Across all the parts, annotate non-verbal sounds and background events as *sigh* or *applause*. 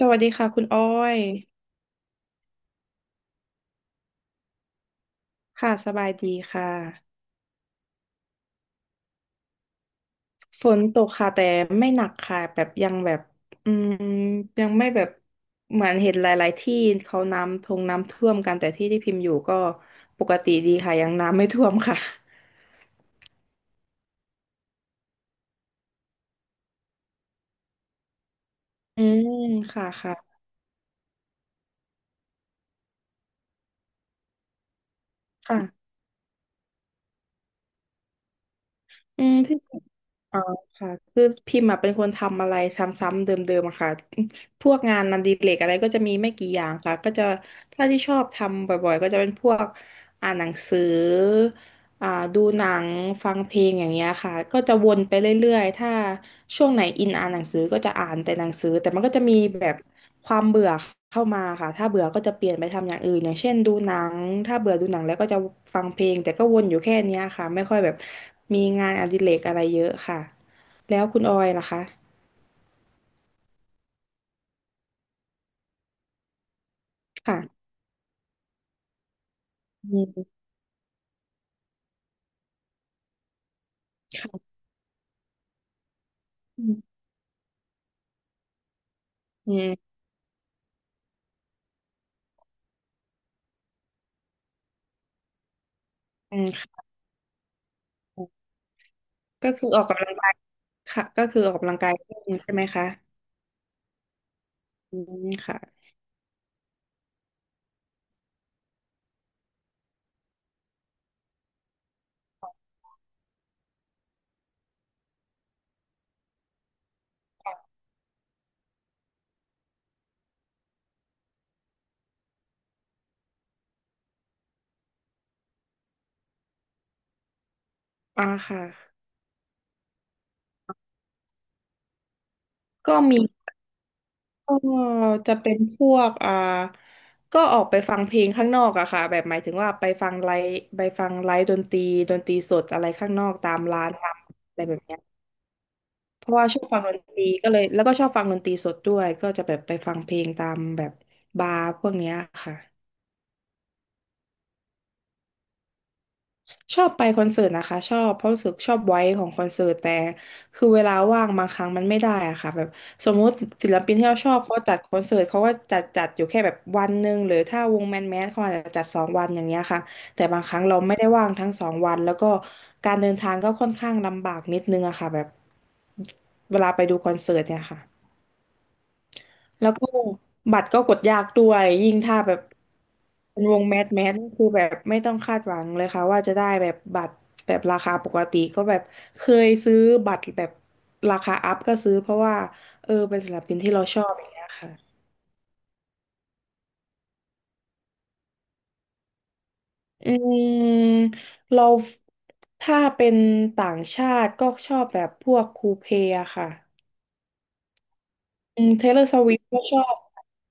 สวัสดีค่ะคุณอ้อย ค่ะสบายดีค่ะฝนตกค่ะแต่ไม่หนักค่ะแบบยังแบบอืมยังไม่แบบเหมือนเห็นหลายๆที่เขาน้ำทงน้ำท่วมกันแต่ที่ที่พิมพ์อยู่ก็ปกติดีค่ะยังน้ำไม่ท่วมค่ะอืมค่ะค่ะค่ะอืมที่อ๋อค่ะคือพิมพ์อะเป็นคนทำอะไรซ้ำๆเดิมๆอะค่ะพวกงานนันดีเลกอะไรก็จะมีไม่กี่อย่างค่ะก็จะถ้าที่ชอบทำบ่อยๆก็จะเป็นพวกอ่านหนังสือ อ่าดูหนังฟังเพลงอย่างเงี้ยค่ะก็จะวนไปเรื่อยๆถ้าช่วงไหนอินอ่านหนังสือก็จะอ่านแต่หนังสือแต่มันก็จะมีแบบความเบื่อเข้ามาค่ะถ้าเบื่อก็จะเปลี่ยนไปทำอย่างอื่นอย่างเช่นดูหนังถ้าเบื่อดูหนังแล้วก็จะฟังเพลงแต่ก็วนอยู่แค่เนี้ยค่ะไม่ค่อยแบบมีงานอดิเรกอะไรเยอะค่ะแล้วคุณออยล่ะคะค่ะอืมค่ะอืมอืมอืมค่ะก็คือออกกำลังกายค่ะก็คือออกกำลังกายเล่นใช่ไหมคะอืมค่ะอ่าค่ะ ก็มีก็จะเป็นพวกก็ออกไปฟังเพลงข้างนอกอะค่ะแบบหมายถึงว่าไปฟังไลฟ์ไปฟังไลฟ์ดนตรีดนตรีสดอะไรข้างนอกตามร้านตามอะไรแบบเนี้ยเพราะว่าชอบฟังดนตรีก็เลยแล้วก็ชอบฟังดนตรีสดด้วยก็จะแบบไปฟังเพลงตามแบบบาร์พวกเนี้ยค่ะ ชอบไปคอนเสิร์ตนะคะชอบเพราะรู้สึกชอบไว้ของคอนเสิร์ตแต่คือเวลาว่างบางครั้งมันไม่ได้อะค่ะแบบสมมุติศิลปินที่เราชอบเขาจัดคอนเสิร์ตเขาก็จัดอยู่แค่แบบวันหนึ่งหรือถ้าวงแมนแมสเขาอาจจะจัดสองวันอย่างเงี้ยค่ะแต่บางครั้งเราไม่ได้ว่างทั้งสองวันแล้วก็การเดินทางก็ค่อนข้างลำบากนิดนึงอะค่ะแบบเวลาไปดูคอนเสิร์ตเนี่ยค่ะ แล้วก็บัตรก็กดยากด้วยยิ่งถ้าแบบเป็นวงแมสแมสนี่คือแบบไม่ต้องคาดหวังเลยค่ะว่าจะได้แบบบัตรแบบราคาปกติก็แบบเคยซื้อบัตรแบบราคาอัพก็ซื้อเพราะว่าเออเป็นศิลปินที่เราชอบอย่างเงี้ยค่ะอืมเราถ้าเป็นต่างชาติก็ชอบแบบพวกคูเพอะค่ะ อืมเทเลอร์สวิฟก็ชอบ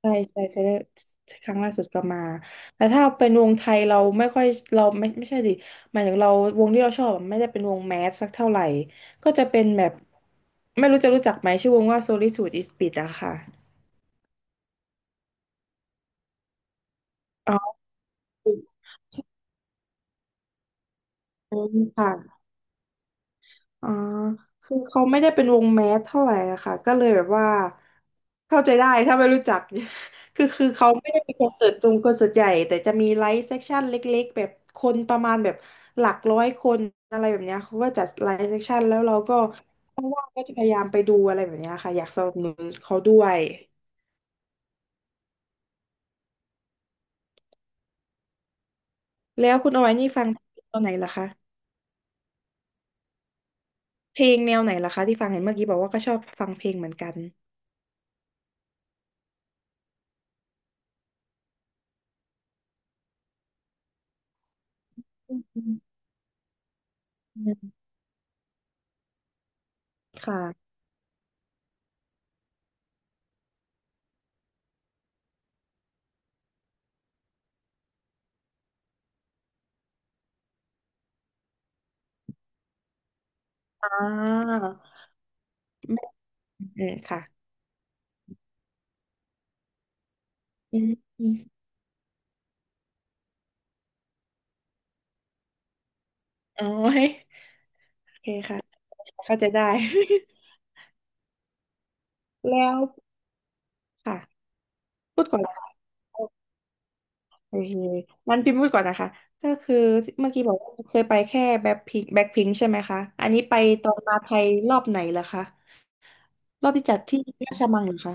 ใช่ใช่เทเลอร์ครั้งล่าสุดก็มาแต่ถ้าเป็นวงไทยเราไม่ไม่ใช่สิหมายถึงเราวงที่เราชอบอะไม่ได้เป็นวงแมสสักเท่าไหร่ก็จะเป็นแบบไม่รู้จะรู้จักไหมชื่อวงว่า Solitude is b l i t อะค่ะอ๋ออืมค่ะ อ่าคือเขาไม่ได้เป็นวงแมสเท่าไหร่อะค่ะ ก็เลยแบบว่าเข้าใจได้ถ้าไม่รู้จัก *laughs* คือเขาไม่ได้มีคอนเสิร์ตตรงคอนเสิร์ตใหญ่แต่จะมีไลฟ์เซสชั่นเล็กๆแบบคนประมาณแบบหลักร้อยคนอะไรแบบเนี้ยเขาก็จัดไลฟ์เซสชั่นแล้วเราก็ว่างๆก็จะพยายามไปดูอะไรแบบเนี้ยค่ะอยากสนับสนุนเขาด้วยแล้วคุณเอาไว้นี่ฟังตอนไหนล่ะคะเพลงแนวไหนล่ะคะที่ฟังเห็นเมื่อกี้บอกว่าก็ชอบฟังเพลงเหมือนกันอืมค่ะอ่าอืมค่ะ อืมอมอ๋อโอเคค่ะเข้าใจได้ *laughs* แล้วค่ะพูดก่อนนะคะโอเคงั้นพิมพ์พูดก่อนนะคะก็คือเมื่อกี้บอกว่าเคยไปแค่แบ็คพิงแบ็คพิงใช่ไหมคะอันนี้ไปตอนมาไทยรอบไหนเหรอคะรอบที่จัดที่ราชมังเหรอคะ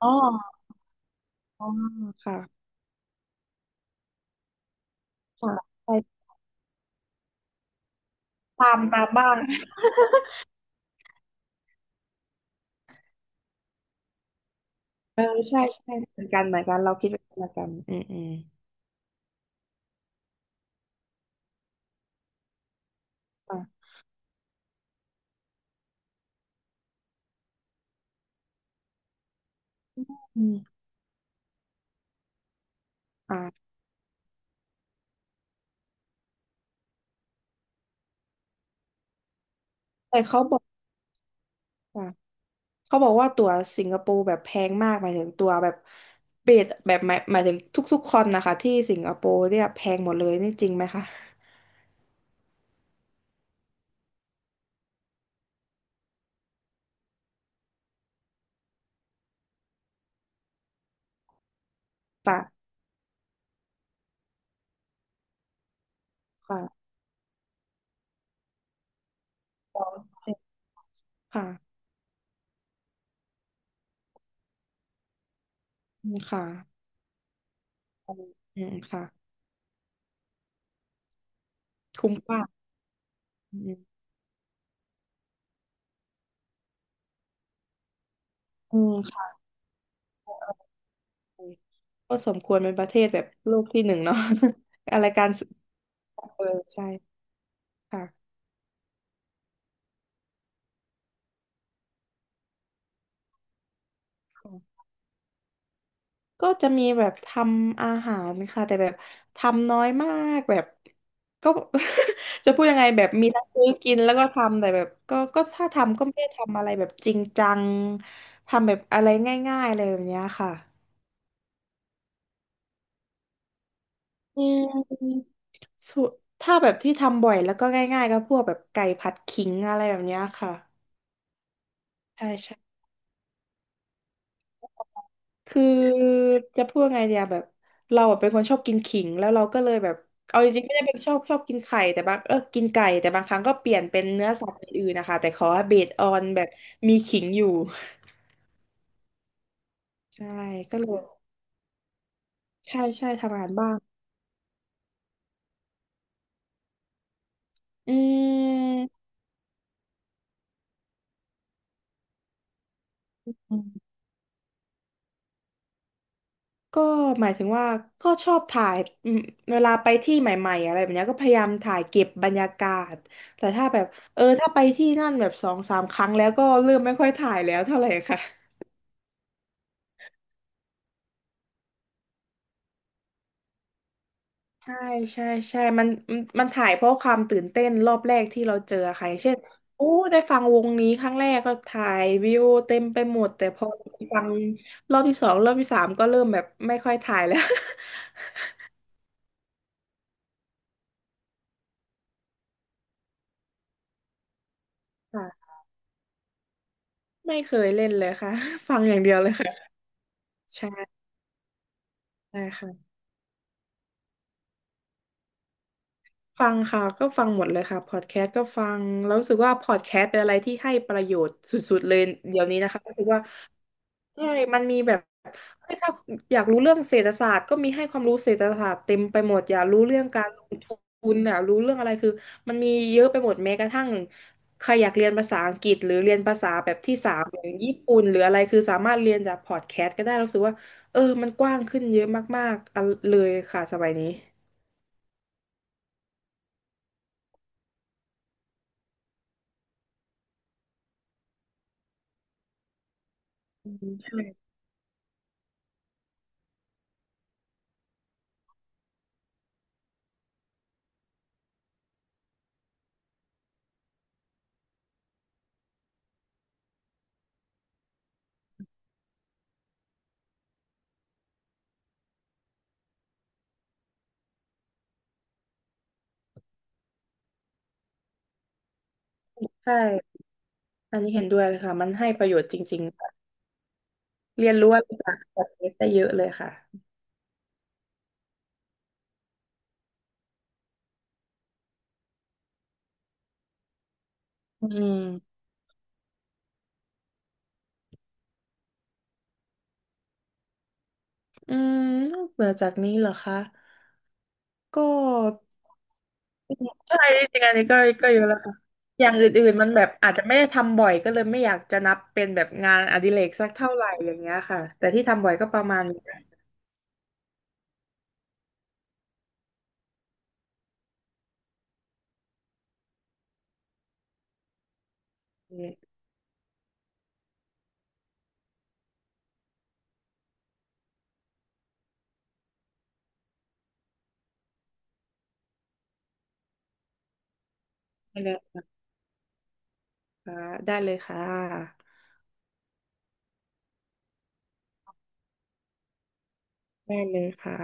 อ๋ออ๋อค่ะค่ะไปตามตามบ้างเออใช่ใช่เหมือนกันเหมือนกันเราคิดเหมือนกันอืมอืมอ่ะอืมอ่าแต่เขาบอกค่ะ เขาบอกว่าตั๋วสิงคโปร์แบบแพงมากหมายถึงตั๋วแบบเบสแบบหมายถึงทุกๆคนนะคะที่สิงคโปร์เนี่ยแพงหมดเลยนี่จริงไหมคะป่ะค่ะค่ะอืมค่ะอืมค่ะคุ้มค่าอืมอืมค่ะก็สมควรเป็นประเทศแบบโลกที่หนึ่งเนาะ *laughs* อะไรการศึกษาเออใช่ค่ะ ก็จะมีแบบทำอาหารค่ะแต่แบบทำน้อยมากแบบก็ *laughs* จะพูดยังไงแบบมีทั้งซื้อกินแล้วก็ทำแต่แบบก็ถ้าทำก็ไม่ได้ทำอะไรแบบจริงจังทำแบบอะไรง่ายๆเลยแบบเนี้ยค่ะอืมสุถ้าแบบที่ทำบ่อยแล้วก็ง่ายๆก็พวกแบบไก่ผัดขิงอะไรแบบเนี้ยค่ะใช่ใช่ คือจะพูดว่าไงเดียแบบเราอะเป็นคนชอบกินขิงแล้วเราก็เลยแบบเอาจริงๆไม่ได้เป็นชอบกินไข่แต่บางกินไก่แต่บางครั้งก็เปลี่ยนเป็นเนื้อสัตว์อื่นๆนะคะแต่ขอให้เบสออนแบบมีขิงอยู่ใช่ก็เลยใช่ใช่ทำอาหารบ้างอืมก็หมายถึงว่าก็ชอบถ่ายอืมเวลาไปที่ใหม่ๆอะไรแบบเนี้ยก็พยายามถ่ายเก็บบรรยากาศแต่ถ้าแบบถ้าไปที่นั่นแบบสองสามครั้งแล้วก็เริ่มไม่ค่อยถ่ายแล้วเท่าไหร่ค่ะ ใช่ใช่ใช่มันถ่ายเพราะความตื่นเต้นรอบแรกที่เราเจอใครเช่นโอ้ได้ฟังวงนี้ครั้งแรกก็ถ่ายวิวเต็มไปหมดแต่พอฟังรอบที่สองรอบที่สามก็เริ่มแบบไม่ค่อยถ่ายแล้ว *laughs* ค่ะไม่เคยเล่นเลยค่ะฟังอย่างเดียวเลยค่ะใช่ใช่ค่ะฟังค่ะก็ฟังหมดเลยค่ะพอดแคสต์ก็ฟังแล้วรู้สึกว่าพอดแคสต์เป็นอะไรที่ให้ประโยชน์สุดๆเลยเดี๋ยวนี้นะคะรู้สึกว่า ใช่มันมีแบบเฮ้ยถ้าอยากรู้เรื่องเศรษฐศาสตร์ก็มีให้ความรู้เศรษฐศาสตร์เต็มไปหมดอยากรู้เรื่องการลงทุนอยากรู้เรื่องอะไรคือมันมีเยอะไปหมดแม้กระทั่งใครอยากเรียนภาษาอังกฤษหรือเรียนภาษาแบบที่สามอย่างญี่ปุ่นหรืออะไรคือสามารถเรียนจากพอดแคสต์ก็ได้รู้สึกว่าเออมันกว้างขึ้นเยอะมากๆอันเลยค่ะสมัยนี้อืมใช่ใช่อันนี้เห็นด้วยเลยค่ะ มันให้ประโยชน์จริงๆค่ะเรียนรู้อะไรจากพอดแคสต์ได้เยอะเลยค่ะอืมอืมนอกเหนือจากนี้เหรอคะ ก็ใช่จริงๆอันนี้ก็เยอะแล้วค่ะอย่างอื่นๆมันแบบอาจจะไม่ได้ทำบ่อยก็เลยไม่อยากจะนับเป็นแบบงานอดิเรกสักเท่าไหร่อย่างเงี้ยค่ะแต่ที่ทำบ่อยก็ประมาณนี้ได้เลยนะคะได้เลยค่ะได้เลยค่ะ